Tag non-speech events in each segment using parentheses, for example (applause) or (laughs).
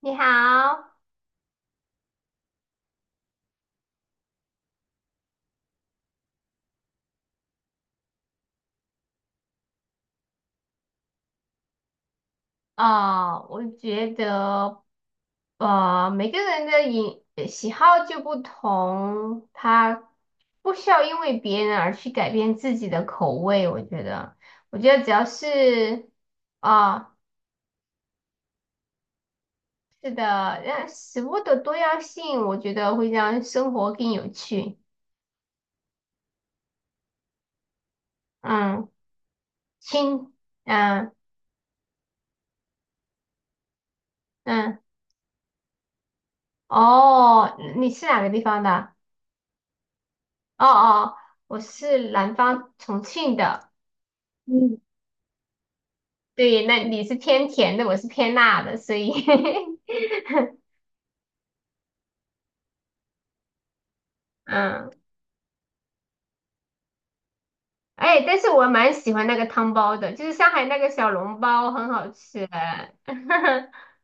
你好。哦，我觉得，每个人的喜好就不同，他不需要因为别人而去改变自己的口味。我觉得只要是啊、是的，让食物的多样性，我觉得会让生活更有趣。嗯，亲。嗯嗯，哦，你是哪个地方的？哦哦，我是南方重庆的。嗯，对，那你是偏甜的，我是偏辣的，所以 (laughs) 嗯，哎，但是我蛮喜欢那个汤包的，就是上海那个小笼包很好吃。(laughs)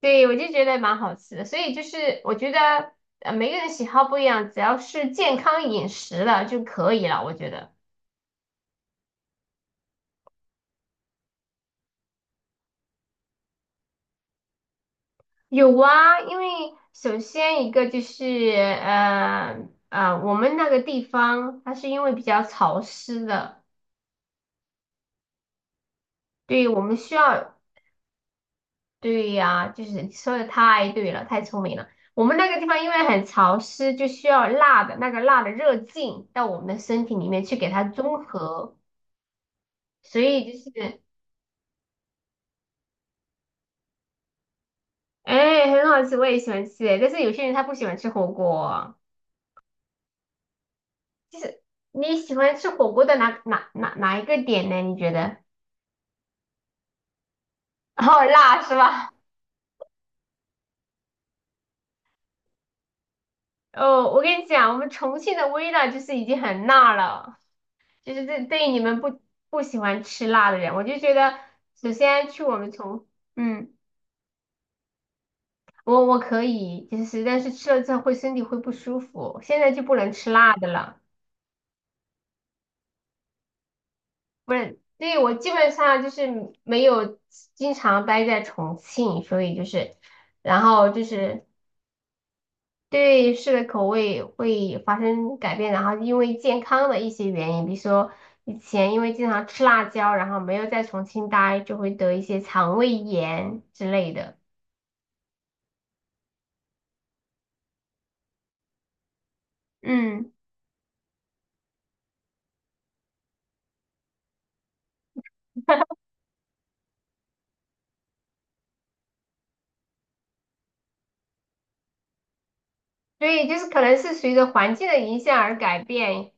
对，我就觉得蛮好吃的，所以我觉得每个人喜好不一样，只要是健康饮食了就可以了，我觉得有啊。因为首先一个就是我们那个地方它是因为比较潮湿的。对，我们需要。对呀，就是你说的太对了，太聪明了。我们那个地方因为很潮湿，就需要辣的热劲到我们的身体里面去给它中和，所以就是。哎，很好吃，我也喜欢吃。但是有些人他不喜欢吃火锅。你喜欢吃火锅的哪一个点呢？你觉得？哦，辣是吧？(laughs) 哦，我跟你讲，我们重庆的微辣就是已经很辣了。就是这对于你们不喜欢吃辣的人，我就觉得首先去我们重。嗯。我可以，就是但是吃了之后身体会不舒服，现在就不能吃辣的了。不然，对，我基本上就是没有经常待在重庆，所以然后就是对吃的口味会发生改变，然后因为健康的一些原因，比如说以前因为经常吃辣椒，然后没有在重庆待，就会得一些肠胃炎之类的。嗯，所以就是可能是随着环境的影响而改变。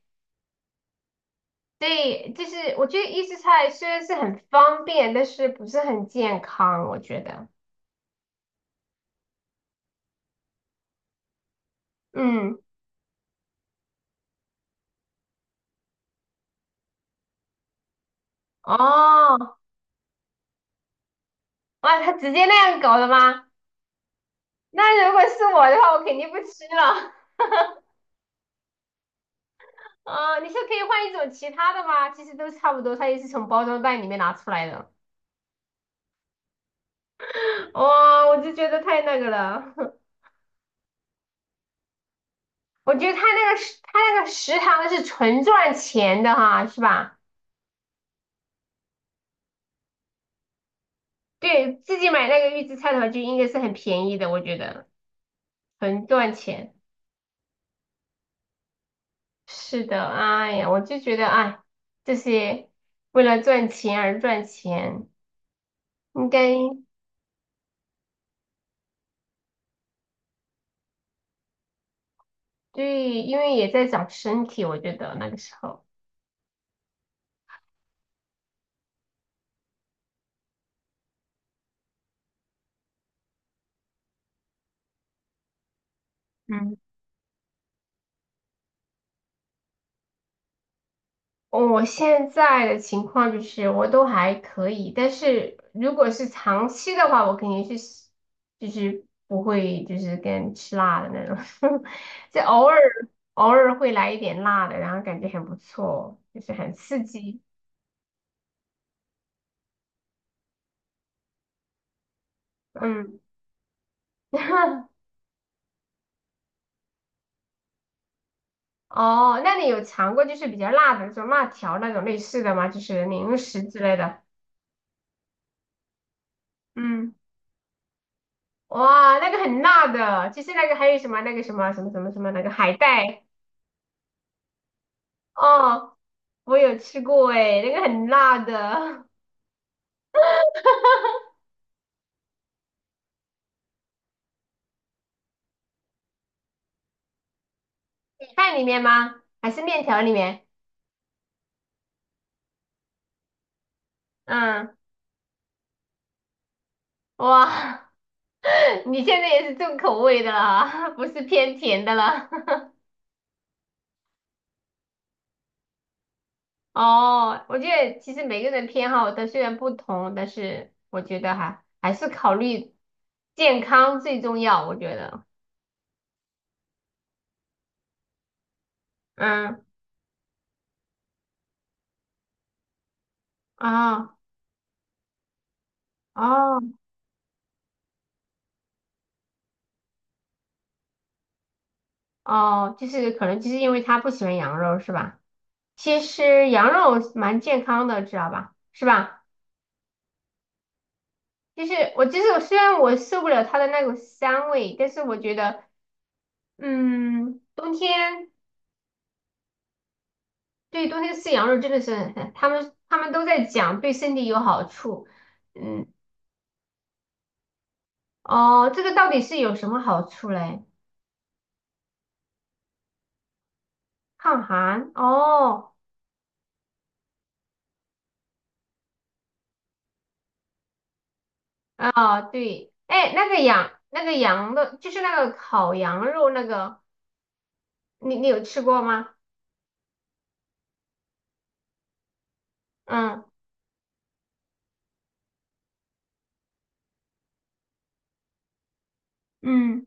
对，就是我觉得预制菜虽然是很方便，但是不是很健康，我觉得。嗯，哦。哇，他直接那样搞的吗？那如果是我的话，我肯定不吃了。(laughs) 你是可以换一种其他的吗？其实都差不多，它也是从包装袋里面拿出来的。我就觉得太那个了。(laughs) 我觉得他那个食堂是纯赚钱的哈，是吧？对，自己买那个预制菜的话，就应该是很便宜的，我觉得很赚钱。是的。哎呀，我就觉得，哎，这些为了赚钱而赚钱，应该。对，因为也在长身体，我觉得那个时候。嗯，我现在的情况就是我都还可以，但是如果是长期的话，我肯定是不会跟吃辣的那种。(laughs) 就偶尔会来一点辣的，然后感觉很不错，就是很刺激。嗯，(laughs) 哦，那你有尝过就是比较辣的，那种辣条那种类似的吗？就是零食之类的。嗯，哇，那个很辣的，其实那个还有什么那个什么什么什么什么那个海带。哦，我有吃过诶，那个很辣的。(laughs) 饭里面吗？还是面条里面？嗯，哇。(laughs) 你现在也是重口味的了啊，(laughs) 不是偏甜的了。(laughs) 哦，我觉得其实每个人偏好它虽然不同，但是我觉得哈还是考虑健康最重要。我觉得。嗯，啊。哦。哦，就是可能就是因为他不喜欢羊肉是吧？其实羊肉蛮健康的，知道吧？是吧？就是我虽然我受不了它的那股膻味，但是我觉得，嗯，冬天。对，冬天吃羊肉真的是很，他们都在讲对身体有好处。嗯，哦，这个到底是有什么好处嘞？抗寒哦。对，哎，那个羊的，就是那个烤羊肉那个，你你有吃过吗？嗯嗯。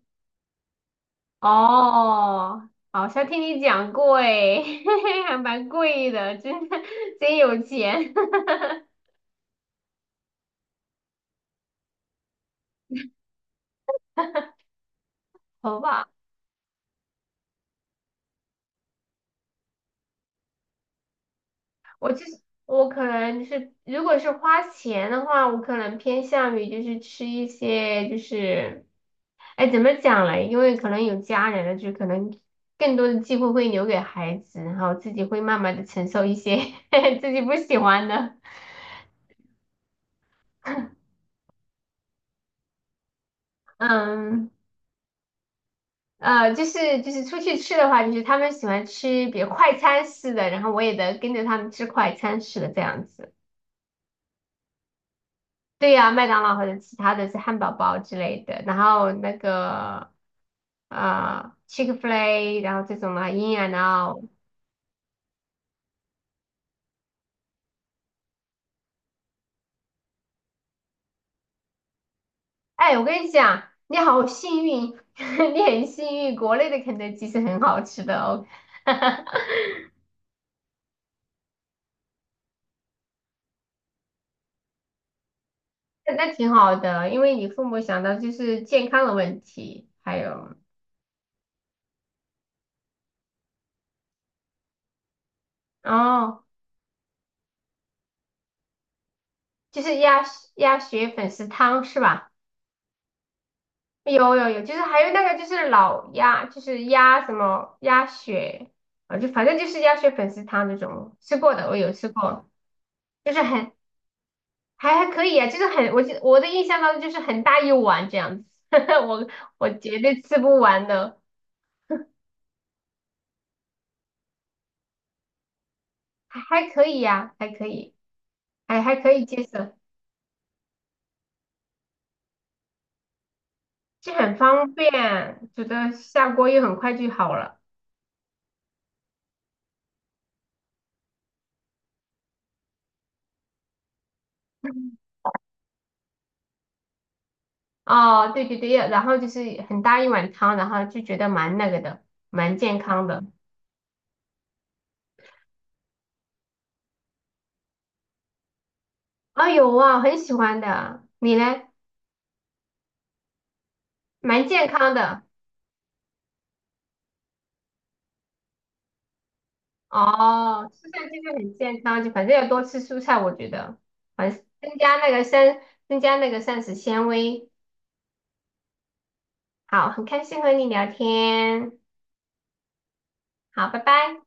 哦，好像听你讲过哎。(laughs) 还蛮贵的，真的真有钱。(laughs) 好吧。我可能就是，如果是花钱的话，我可能偏向于就是吃一些就是，哎，怎么讲嘞？因为可能有家人了，就可能更多的机会会留给孩子，然后自己会慢慢的承受一些 (laughs) 自己不喜欢的。嗯，就是出去吃的话，就是他们喜欢吃比如快餐式的，然后我也得跟着他们吃快餐式的这样子。对呀，麦当劳或者其他的是汉堡包之类的，然后那个。Chick-fil-A,然后这种的 In and Out。哎，我跟你讲，你好幸运，(laughs) 你很幸运，国内的肯德基是很好吃的哦。(laughs) 那挺好的，因为你父母想到就是健康的问题，还有。哦，就是鸭血粉丝汤是吧？有有有，就是还有那个就是老鸭，就是鸭什么鸭血，啊，就反正就是鸭血粉丝汤那种，吃过的，我有吃过，就是很还还可以啊，就是很，我的印象当中就是很大一碗这样子。(laughs) 我我绝对吃不完的。还可以呀、还可以接受，就很方便，觉得下锅又很快就好了。哦，对对对，然后就是很大一碗汤，然后就觉得蛮那个的，蛮健康的。有啊，很喜欢的。你呢？蛮健康的。哦，蔬菜其实很健康，就反正要多吃蔬菜，我觉得。反正增加那个膳食纤维。好，很开心和你聊天。好，拜拜。